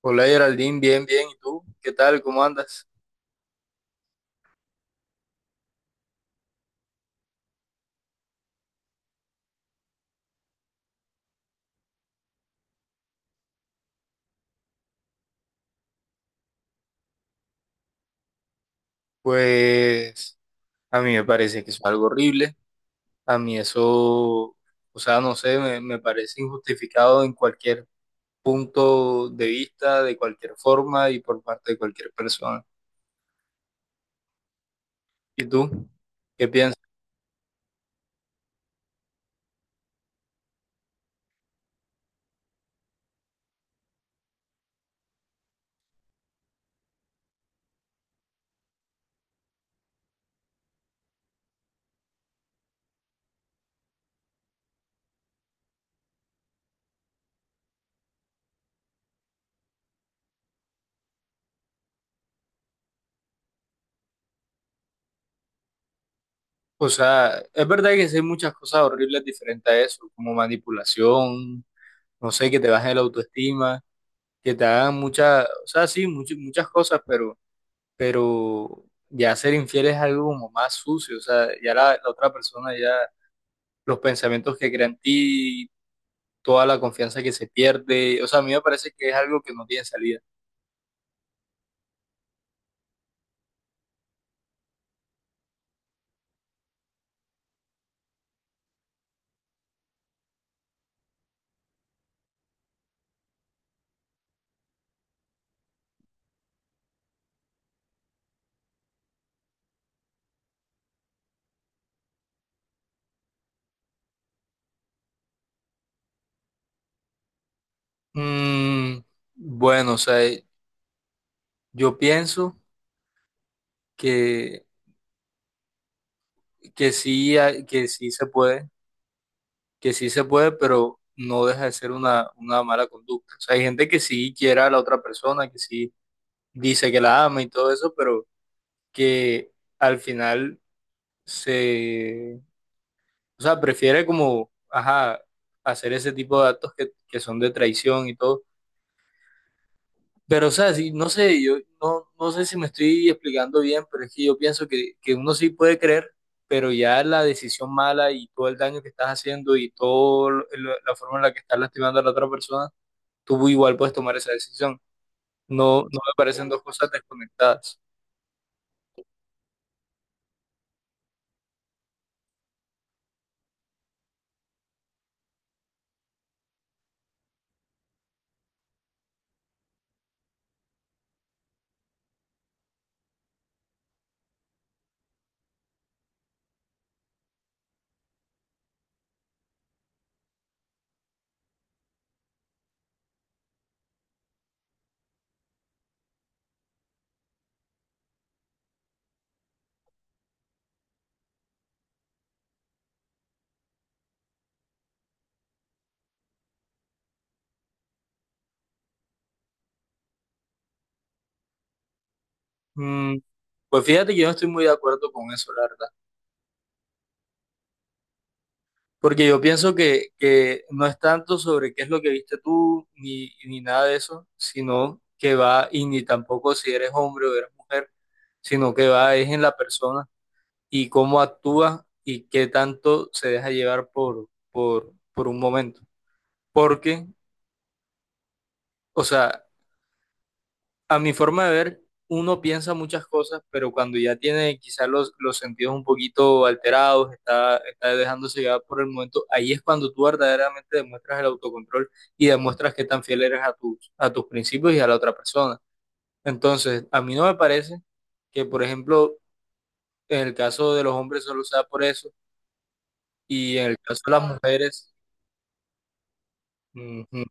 Hola Geraldine, bien, bien. ¿Y tú? ¿Qué tal? ¿Cómo andas? Pues a mí me parece que eso es algo horrible. A mí eso, o sea, no sé, me parece injustificado en cualquier punto de vista, de cualquier forma y por parte de cualquier persona. ¿Y tú? ¿Qué piensas? O sea, es verdad que sí hay muchas cosas horribles diferentes a eso, como manipulación, no sé, que te bajen la autoestima, que te hagan muchas, o sea, sí, muchas, muchas cosas, pero ya ser infiel es algo como más sucio, o sea, ya la otra persona, ya los pensamientos que crea en ti, toda la confianza que se pierde, o sea, a mí me parece que es algo que no tiene salida. Mm, bueno, o sea, yo pienso que, que sí, que sí se puede, que sí se puede, pero no deja de ser una mala conducta. O sea, hay gente que sí quiere a la otra persona, que sí dice que la ama y todo eso, pero que al final se o sea, prefiere como, ajá, hacer ese tipo de actos que son de traición y todo. Pero, o sea, sí, no sé, yo no, no sé si me estoy explicando bien, pero es que yo pienso que uno sí puede creer, pero ya la decisión mala y todo el daño que estás haciendo y toda la forma en la que estás lastimando a la otra persona, tú igual puedes tomar esa decisión. No, no me parecen dos cosas desconectadas. Mm, pues fíjate que yo no estoy muy de acuerdo con eso, la verdad. Porque yo pienso que no es tanto sobre qué es lo que viste tú, ni nada de eso, sino que va, y ni tampoco si eres hombre o eres mujer, sino que va es en la persona y cómo actúa y qué tanto se deja llevar por un momento. Porque, o sea, a mi forma de ver, uno piensa muchas cosas, pero cuando ya tiene quizás los sentidos un poquito alterados, está dejándose llevar por el momento, ahí es cuando tú verdaderamente demuestras el autocontrol y demuestras qué tan fiel eres a tus principios y a la otra persona. Entonces, a mí no me parece que, por ejemplo, en el caso de los hombres solo sea por eso y en el caso de las mujeres, ujú,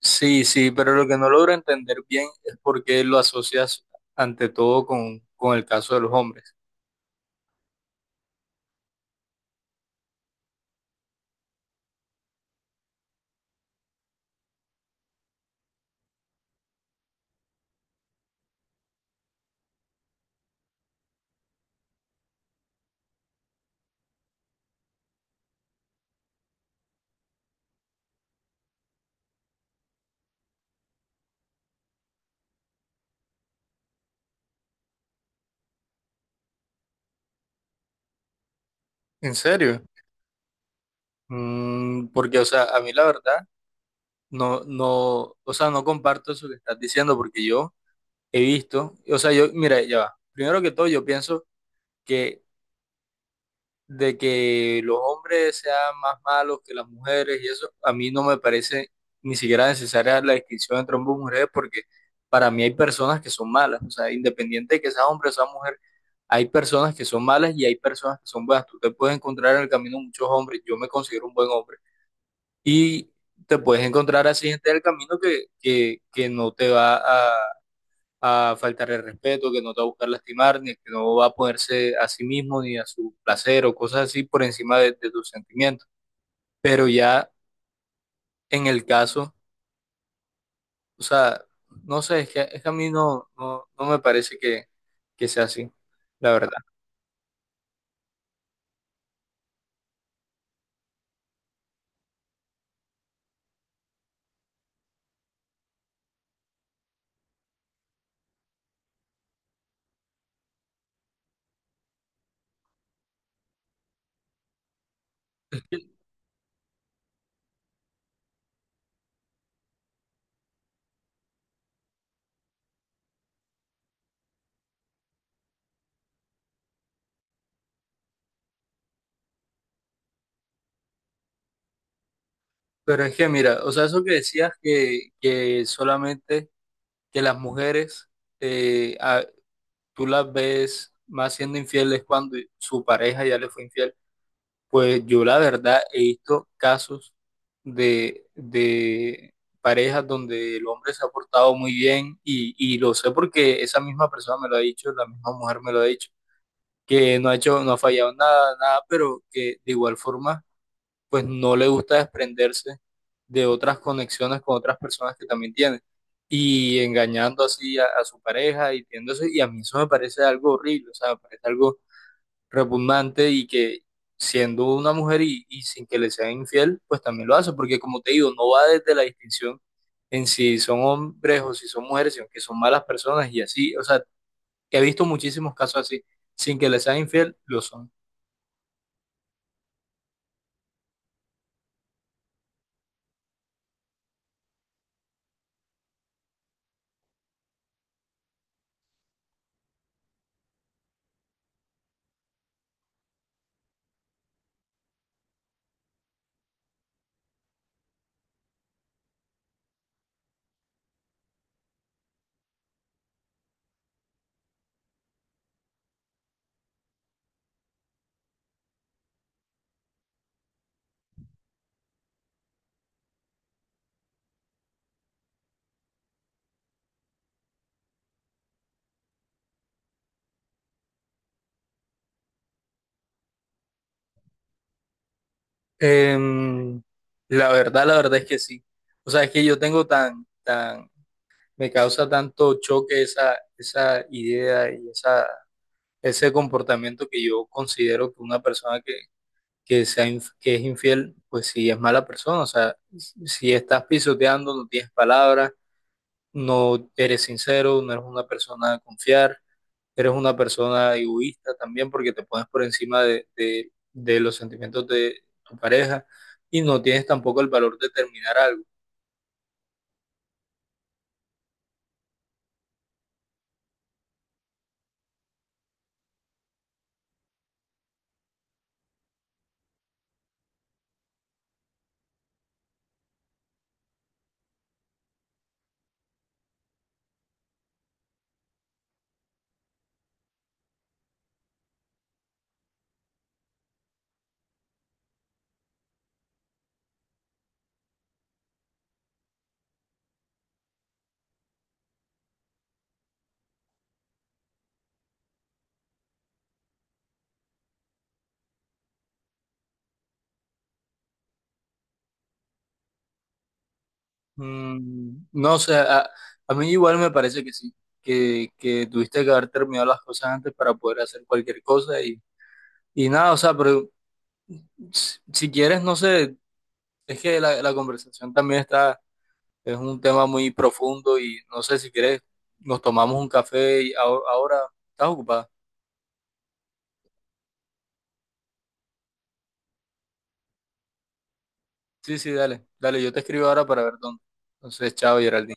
sí, sí, pero lo que no logro entender bien es por qué lo asocias ante todo con el caso de los hombres. ¿En serio? Mm, porque, o sea, a mí la verdad, no, no, o sea, no comparto eso que estás diciendo porque yo he visto, o sea, yo, mira, ya va. Primero que todo, yo pienso que de que los hombres sean más malos que las mujeres y eso, a mí no me parece ni siquiera necesaria la distinción entre hombres y mujeres porque para mí hay personas que son malas, o sea, independiente de que sea hombre o sea mujer, hay personas que son malas y hay personas que son buenas. Tú te puedes encontrar en el camino muchos hombres, yo me considero un buen hombre y te puedes encontrar así gente del camino que no te va a faltar el respeto, que no te va a buscar lastimar, ni que no va a ponerse a sí mismo ni a su placer o cosas así por encima de tus sentimientos. Pero ya en el caso, o sea, no sé, es que a mí no, no, no me parece que sea así, la verdad. Pero es que mira, o sea, eso que decías que solamente que las mujeres... eh, a- tú las ves más siendo infieles cuando su pareja ya le fue infiel. Pues yo la verdad he visto casos de parejas donde el hombre se ha portado muy bien y lo sé porque esa misma persona me lo ha dicho, la misma mujer me lo ha dicho, que no ha hecho, no ha fallado nada, nada, pero que de igual forma pues no le gusta desprenderse de otras conexiones con otras personas que también tiene y engañando así a su pareja y tiéndose, y a mí eso me parece algo horrible, o sea, me parece algo repugnante y que siendo una mujer y sin que le sea infiel, pues también lo hace, porque como te digo, no va desde la distinción en si son hombres o si son mujeres, sino que son malas personas y así, o sea, que he visto muchísimos casos así, sin que le sea infiel, lo son. Em, la verdad, la verdad es que sí. O sea, es que yo tengo tan, tan, me causa tanto choque esa, esa idea y esa, ese comportamiento que yo considero que una persona que sea, que es infiel, pues sí es mala persona. O sea, si estás pisoteando, no tienes palabras, no eres sincero, no eres una persona a confiar, eres una persona egoísta también porque te pones por encima de, de los sentimientos de tu pareja y no tienes tampoco el valor de terminar algo. Mm, no sé, a mí igual me parece que sí, que tuviste que haber terminado las cosas antes para poder hacer cualquier cosa y nada, o sea, pero si, si quieres, no sé, es que la conversación también está, es un tema muy profundo y no sé si quieres, nos tomamos un café y ahora ahora estás ocupada. Sí, sí, dale, dale, yo te escribo ahora para ver dónde. Entonces, chao, Geraldine.